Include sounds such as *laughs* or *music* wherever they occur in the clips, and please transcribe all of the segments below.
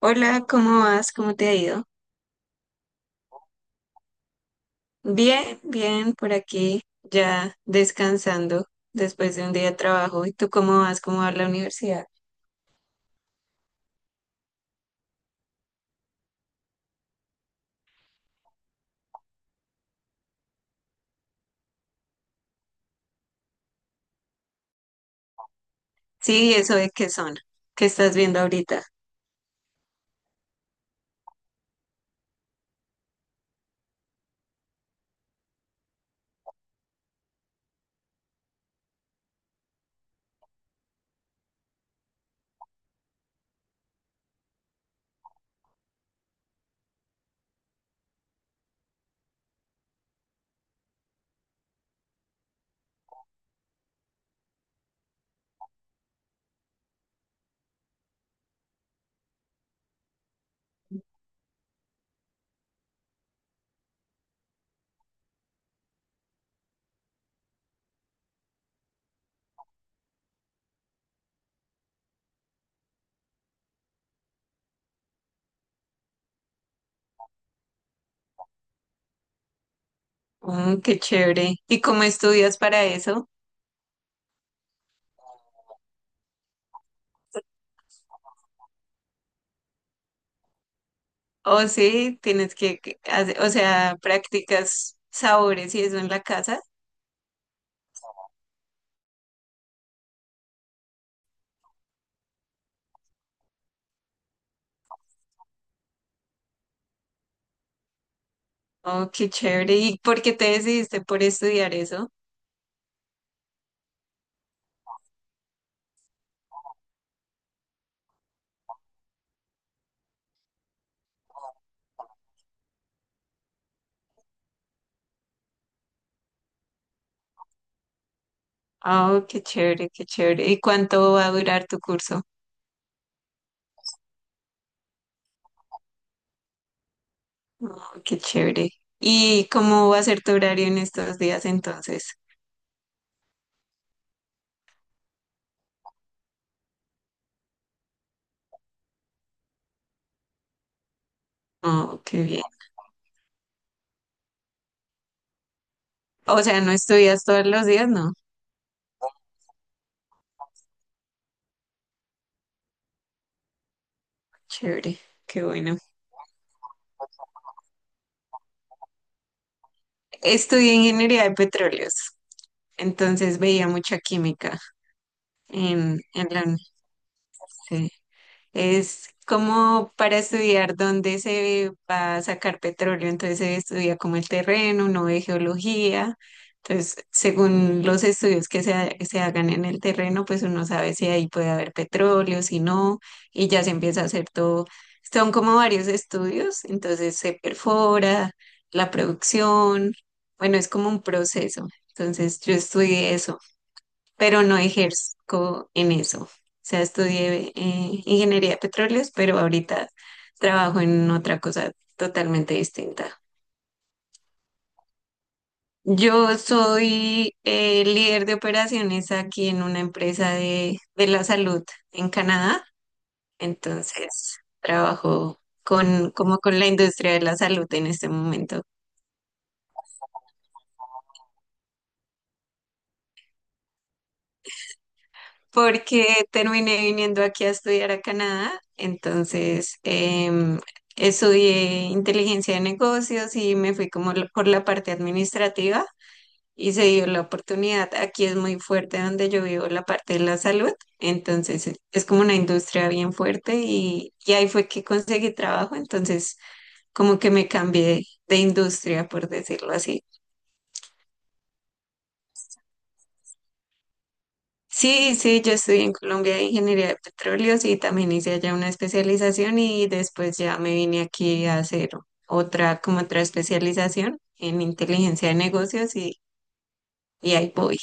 Hola, ¿cómo vas? ¿Cómo te ha ido? Bien, bien, por aquí ya descansando después de un día de trabajo. ¿Y tú cómo vas? ¿Cómo va la universidad? Sí, eso de qué son, qué estás viendo ahorita. Qué chévere. ¿Y cómo estudias para eso? O sí, tienes o sea, practicas sabores y eso en la casa. Oh, qué chévere. ¿Y por qué te decidiste por estudiar eso? Oh, qué chévere, qué chévere. ¿Y cuánto va a durar tu curso? Oh, qué chévere. ¿Y cómo va a ser tu horario en estos días entonces? Oh, qué bien. O sea, ¿no estudias todos los días? No. Chévere, qué bueno. Estudié ingeniería de petróleos, entonces veía mucha química en la universidad. Es como para estudiar dónde se va a sacar petróleo, entonces se estudia como el terreno, uno de geología, entonces según los estudios que se hagan en el terreno, pues uno sabe si ahí puede haber petróleo, si no, y ya se empieza a hacer todo. Son como varios estudios, entonces se perfora la producción, bueno, es como un proceso, entonces yo estudié eso pero no ejerzo en eso. O sea, estudié ingeniería de petróleos, pero ahorita trabajo en otra cosa totalmente distinta. Yo soy líder de operaciones aquí en una empresa de la salud en Canadá, entonces trabajo con, como con la industria de la salud en este momento. Porque terminé viniendo aquí a estudiar a Canadá, entonces estudié inteligencia de negocios y me fui como lo- por la parte administrativa y se dio la oportunidad. Aquí es muy fuerte donde yo vivo la parte de la salud, entonces es como una industria bien fuerte y ahí fue que conseguí trabajo, entonces como que me cambié de industria, por decirlo así. Sí, sí, yo estudié en Colombia ingeniería de petróleos y también hice allá una especialización y después ya me vine aquí a hacer otra, como otra especialización en inteligencia de negocios y ahí voy.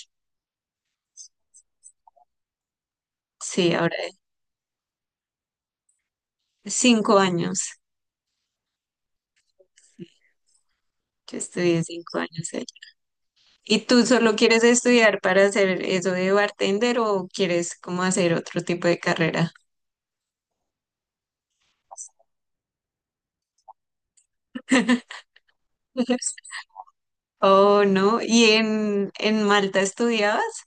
Sí, ahora 5 años. Yo estudié 5 años allá. ¿Y tú solo quieres estudiar para hacer eso de bartender o quieres como hacer otro tipo de carrera? *laughs* Oh, no. ¿Y en Malta estudiabas?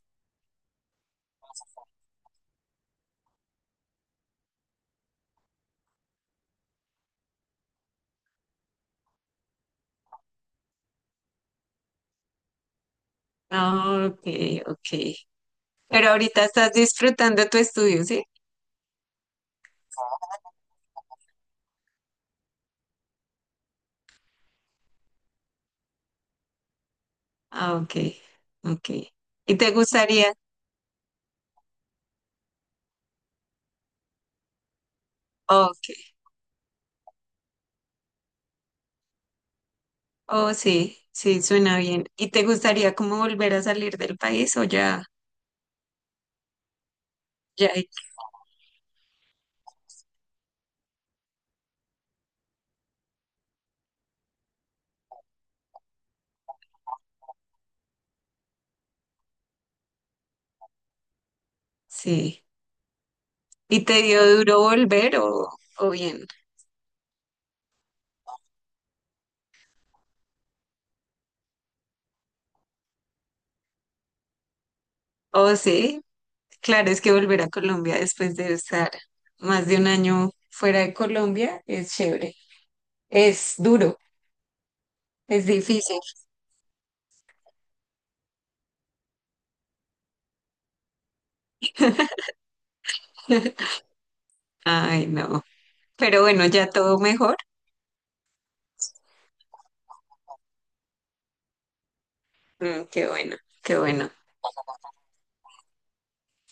Ah, ok, ok. Pero ahorita estás disfrutando tu estudio, ¿sí? Ah, ok, ok. ¿Y te gustaría? Ok, oh sí, sí, suena bien. ¿Y te gustaría como volver a salir del país o ya, ya? Sí. ¿Y te dio duro volver o bien? Oh sí, claro, es que volver a Colombia después de estar más de un año fuera de Colombia es chévere. Es duro, es difícil. *laughs* Ay, no. Pero bueno, ya todo mejor. Qué bueno, qué bueno.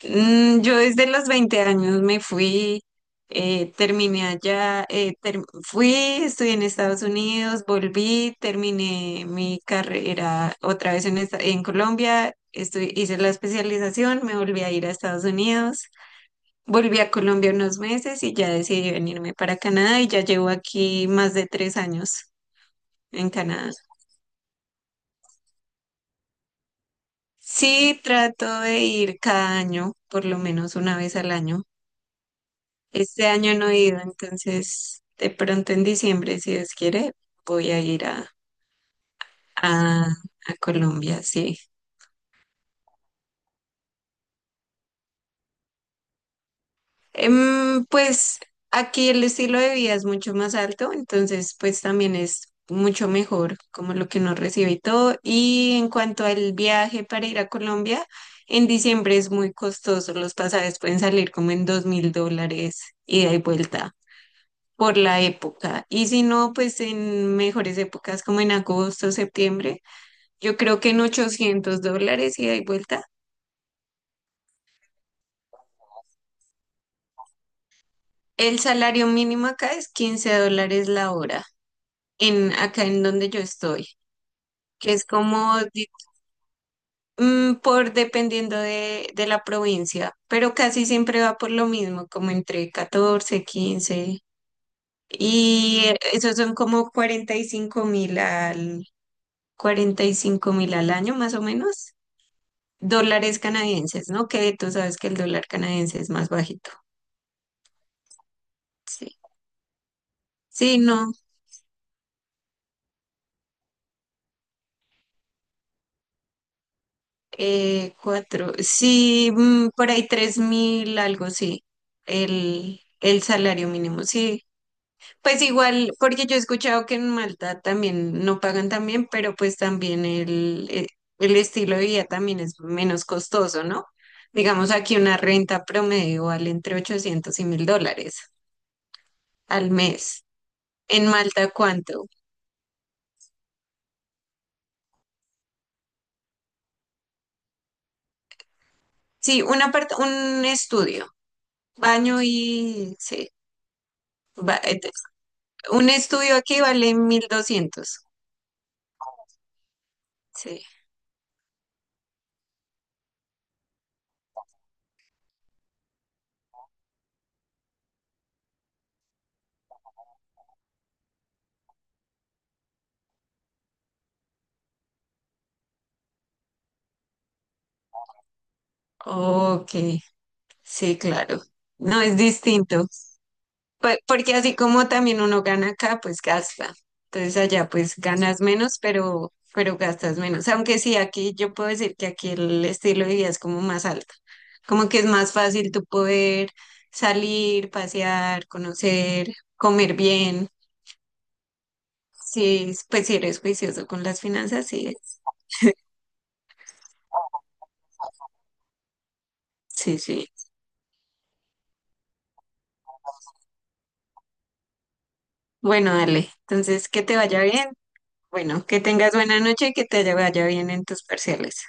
Yo desde los 20 años me fui, terminé allá, fui, estudié en Estados Unidos, volví, terminé mi carrera otra vez en Colombia, hice la especialización, me volví a ir a Estados Unidos, volví a Colombia unos meses y ya decidí venirme para Canadá y ya llevo aquí más de 3 años en Canadá. Sí, trato de ir cada año, por lo menos una vez al año. Este año no he ido, entonces de pronto en diciembre, si Dios quiere, voy a ir a Colombia, sí. Pues aquí el estilo de vida es mucho más alto, entonces pues también es mucho mejor como lo que nos recibe y todo. Y en cuanto al viaje para ir a Colombia, en diciembre es muy costoso, los pasajes pueden salir como en 2.000 dólares ida y vuelta por la época. Y si no, pues en mejores épocas como en agosto, septiembre, yo creo que en 800 dólares ida y vuelta. El salario mínimo acá es 15 dólares la hora, en, acá en donde yo estoy, que es como por dependiendo de la provincia, pero casi siempre va por lo mismo, como entre 14 quince. Y esos son como 45.000 al, 45.000 al año más o menos. Dólares canadienses, ¿no? Que tú sabes que el dólar canadiense es más bajito. Sí. Sí, no. Cuatro. Sí, por ahí 3.000, algo sí. El salario mínimo, sí. Pues igual, porque yo he escuchado que en Malta también no pagan tan bien, pero pues también el estilo de vida también es menos costoso, ¿no? Digamos aquí una renta promedio vale entre 800 y 1.000 dólares al mes. En Malta, ¿cuánto? Sí, una un estudio, baño y, sí, ba- et- un estudio aquí vale 1.200. Sí, ok, sí, claro. No, es distinto, porque así como también uno gana acá, pues gasta. Entonces allá pues ganas menos, pero gastas menos. Aunque sí, aquí yo puedo decir que aquí el estilo de vida es como más alto, como que es más fácil tú poder salir, pasear, conocer, comer bien. Sí, pues si eres juicioso con las finanzas, sí es. Sí, sí. Bueno, dale. Entonces, que te vaya bien. Bueno, que tengas buena noche y que te vaya bien en tus parciales.